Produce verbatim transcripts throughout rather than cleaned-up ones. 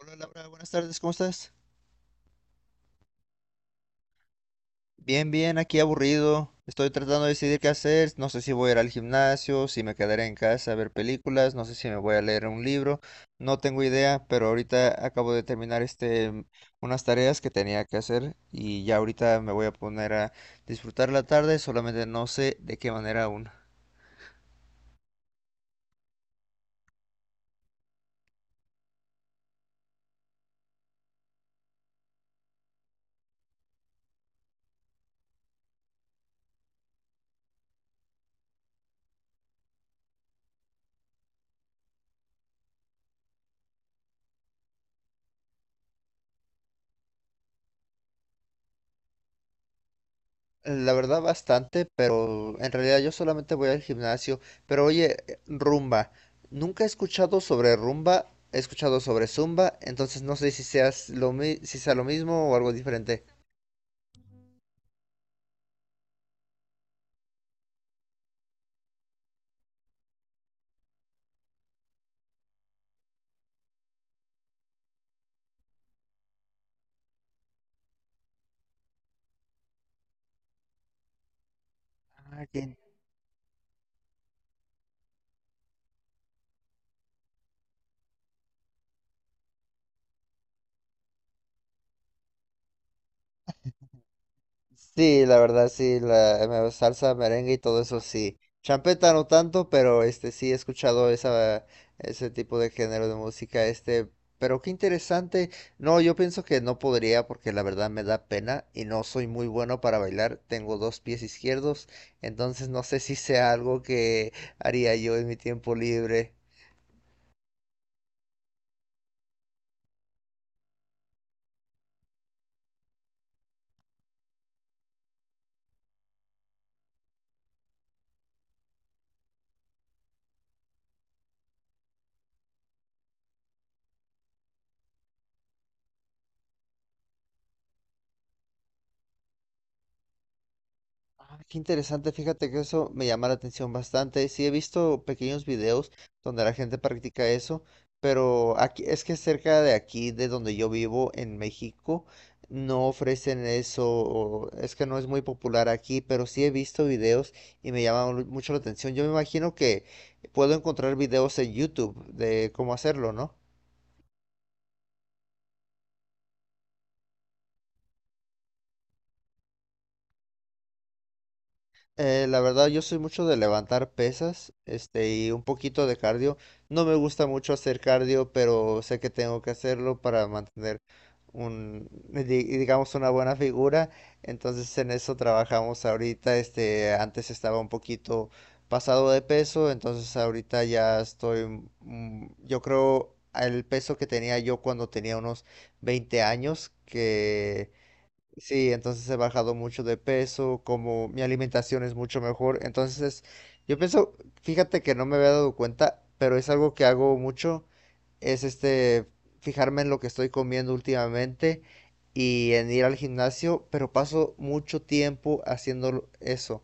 Hola Laura, buenas tardes, ¿cómo estás? Bien, bien, aquí aburrido. Estoy tratando de decidir qué hacer. No sé si voy a ir al gimnasio, si me quedaré en casa a ver películas, no sé si me voy a leer un libro. No tengo idea, pero ahorita acabo de terminar este unas tareas que tenía que hacer y ya ahorita me voy a poner a disfrutar la tarde, solamente no sé de qué manera aún. La verdad bastante, pero en realidad yo solamente voy al gimnasio. Pero oye, eh, rumba. Nunca he escuchado sobre rumba, he escuchado sobre zumba, entonces no sé si seas lo mi- si sea lo mismo o algo diferente. Ah, ya. Sí, la verdad, sí, la me- salsa, merengue y todo eso, sí. Champeta no tanto, pero este sí he escuchado esa, ese tipo de género de música, este, pero qué interesante. No, yo pienso que no podría porque la verdad me da pena y no soy muy bueno para bailar. Tengo dos pies izquierdos, entonces no sé si sea algo que haría yo en mi tiempo libre. Ah, qué interesante, fíjate que eso me llama la atención bastante. Sí, he visto pequeños videos donde la gente practica eso, pero aquí es que cerca de aquí, de donde yo vivo, en México, no ofrecen eso, o es que no es muy popular aquí, pero sí he visto videos y me llama mu- mucho la atención. Yo me imagino que puedo encontrar videos en YouTube de cómo hacerlo, ¿no? Eh, la verdad, yo soy mucho de levantar pesas, este, y un poquito de cardio. No me gusta mucho hacer cardio, pero sé que tengo que hacerlo para mantener un, di- digamos, una buena figura. Entonces, en eso trabajamos ahorita. Este, antes estaba un poquito pasado de peso, entonces ahorita ya estoy, mm, yo creo, al peso que tenía yo cuando tenía unos veinte años, que sí, entonces he bajado mucho de peso, como mi alimentación es mucho mejor. Entonces, yo pienso, fíjate que no me había dado cuenta, pero es algo que hago mucho, es este, fijarme en lo que estoy comiendo últimamente y en ir al gimnasio, pero paso mucho tiempo haciendo eso,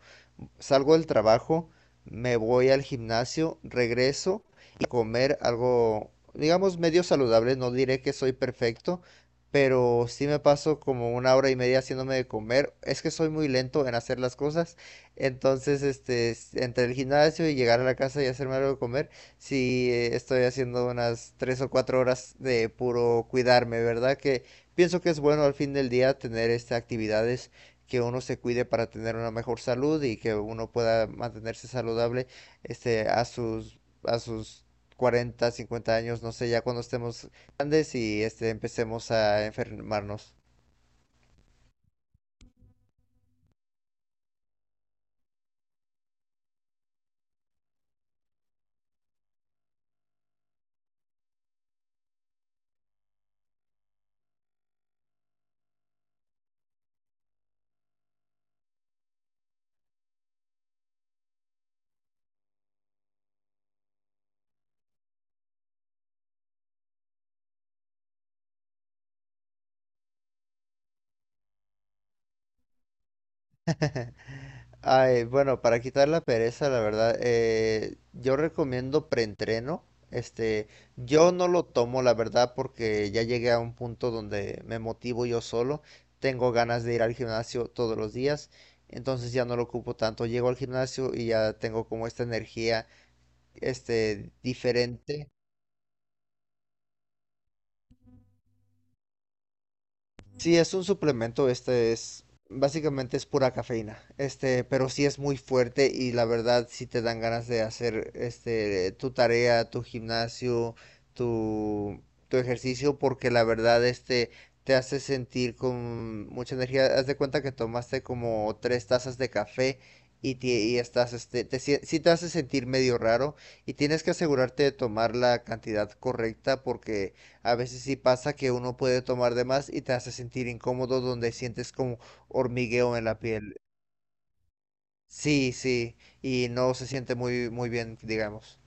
salgo del trabajo, me voy al gimnasio, regreso y comer algo, digamos, medio saludable. No diré que soy perfecto, pero sí me paso como una hora y media haciéndome de comer. Es que soy muy lento en hacer las cosas. Entonces, este, s- entre el gimnasio y llegar a la casa y hacerme algo de comer, sí eh, estoy haciendo unas tres o cuatro horas de puro cuidarme, ¿verdad? Que pienso que es bueno al fin del día tener estas actividades que uno se cuide para tener una mejor salud y que uno pueda mantenerse saludable este a sus a sus cuarenta cincuenta años, no sé, ya cuando estemos grandes y este empecemos a enfermarnos. Ay, bueno, para quitar la pereza, la verdad, eh, yo recomiendo preentreno. Este, yo no lo tomo, la verdad, porque ya llegué a un punto donde me motivo yo solo. Tengo ganas de ir al gimnasio todos los días, entonces ya no lo ocupo tanto. Llego al gimnasio y ya tengo como esta energía, este, diferente. Sí, es un suplemento, este es, básicamente es pura cafeína, este, pero sí es muy fuerte y la verdad sí te dan ganas de hacer, este, tu tarea, tu gimnasio, tu, tu ejercicio, porque la verdad, este, te hace sentir con mucha energía. Haz de cuenta que tomaste como tres tazas de café y, ti- y estás, este, te, sien- sí te hace sentir medio raro y tienes que asegurarte de tomar la cantidad correcta porque a veces sí pasa que uno puede tomar de más y te hace sentir incómodo donde sientes como hormigueo en la piel. Sí, sí, y no se siente muy, muy bien, digamos.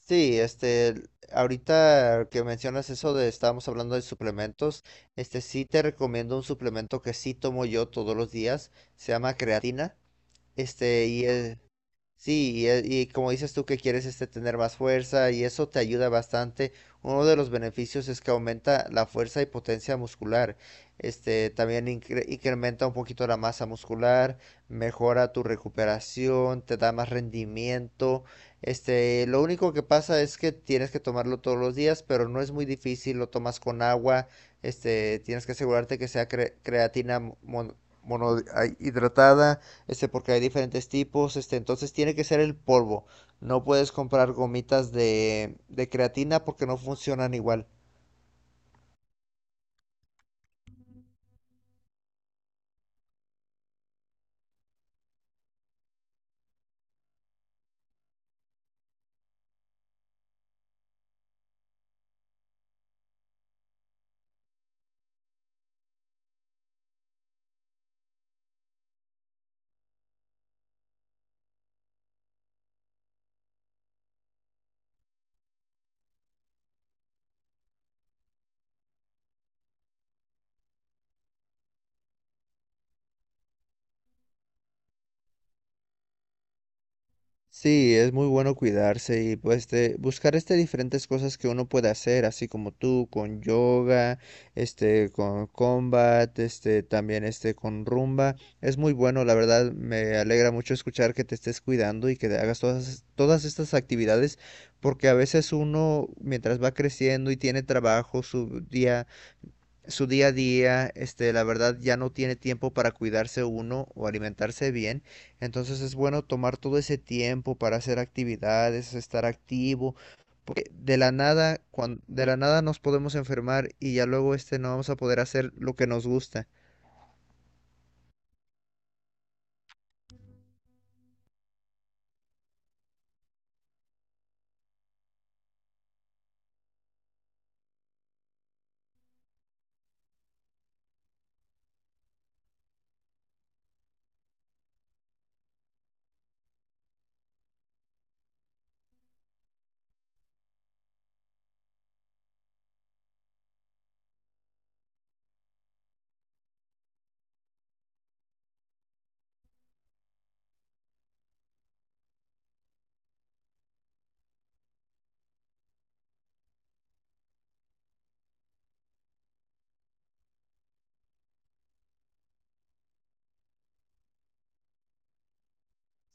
Sí, este, el- ahorita que mencionas eso de estábamos hablando de suplementos, este sí te recomiendo un suplemento que sí tomo yo todos los días, se llama creatina, este, y eh, sí, y, eh, y como dices tú que quieres este tener más fuerza y eso te ayuda bastante. Uno de los beneficios es que aumenta la fuerza y potencia muscular. Este también incre- incrementa un poquito la masa muscular, mejora tu recuperación, te da más rendimiento. Este, lo único que pasa es que tienes que tomarlo todos los días, pero no es muy difícil, lo tomas con agua. Este, tienes que asegurarte que sea cre- creatina mon- monohidratada, este, porque hay diferentes tipos, este, entonces tiene que ser el polvo. No puedes comprar gomitas de, de creatina porque no funcionan igual. Sí, es muy bueno cuidarse y pues este, buscar este diferentes cosas que uno puede hacer, así como tú con yoga, este con combat, este también este con rumba. Es muy bueno, la verdad me alegra mucho escuchar que te estés cuidando y que hagas todas todas estas actividades porque a veces uno mientras va creciendo y tiene trabajo, su día su día a día, este, la verdad ya no tiene tiempo para cuidarse uno o alimentarse bien, entonces es bueno tomar todo ese tiempo para hacer actividades, estar activo, porque de la nada, cuan- de la nada nos podemos enfermar y ya luego este no vamos a poder hacer lo que nos gusta.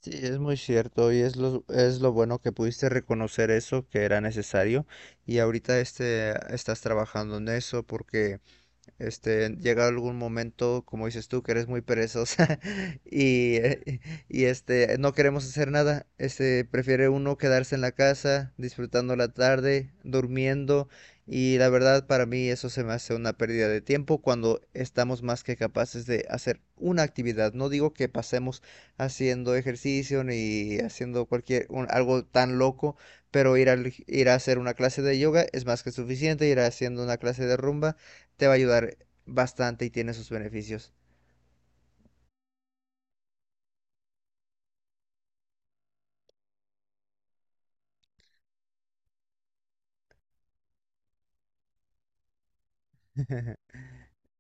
Sí, es muy cierto y es lo, es lo bueno que pudiste reconocer eso que era necesario y ahorita este estás trabajando en eso porque Este, llega algún momento, como dices tú, que eres muy perezosa y, eh, y este, no queremos hacer nada. Este, prefiere uno quedarse en la casa, disfrutando la tarde, durmiendo. Y la verdad, para mí eso se me hace una pérdida de tiempo cuando estamos más que capaces de hacer una actividad. No digo que pasemos haciendo ejercicio ni haciendo cualquier un- algo tan loco, pero ir al- ir a hacer una clase de yoga es más que suficiente, ir haciendo una clase de rumba te va a ayudar bastante y tiene sus beneficios.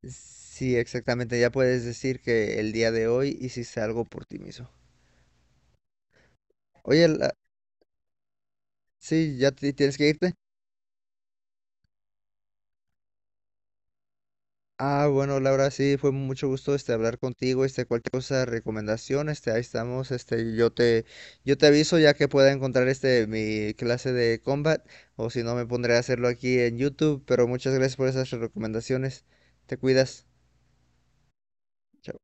Sí, exactamente. Ya puedes decir que el día de hoy hiciste algo por ti mismo. Oye, la- sí, ya ti- tienes que irte. Ah, bueno, Laura, sí, fue mucho gusto este hablar contigo, este cualquier cosa, recomendación, este, ahí estamos, este, yo te, yo te aviso ya que pueda encontrar este mi clase de combat, o si no me pondré a hacerlo aquí en YouTube, pero muchas gracias por esas recomendaciones. Te cuidas. Chao.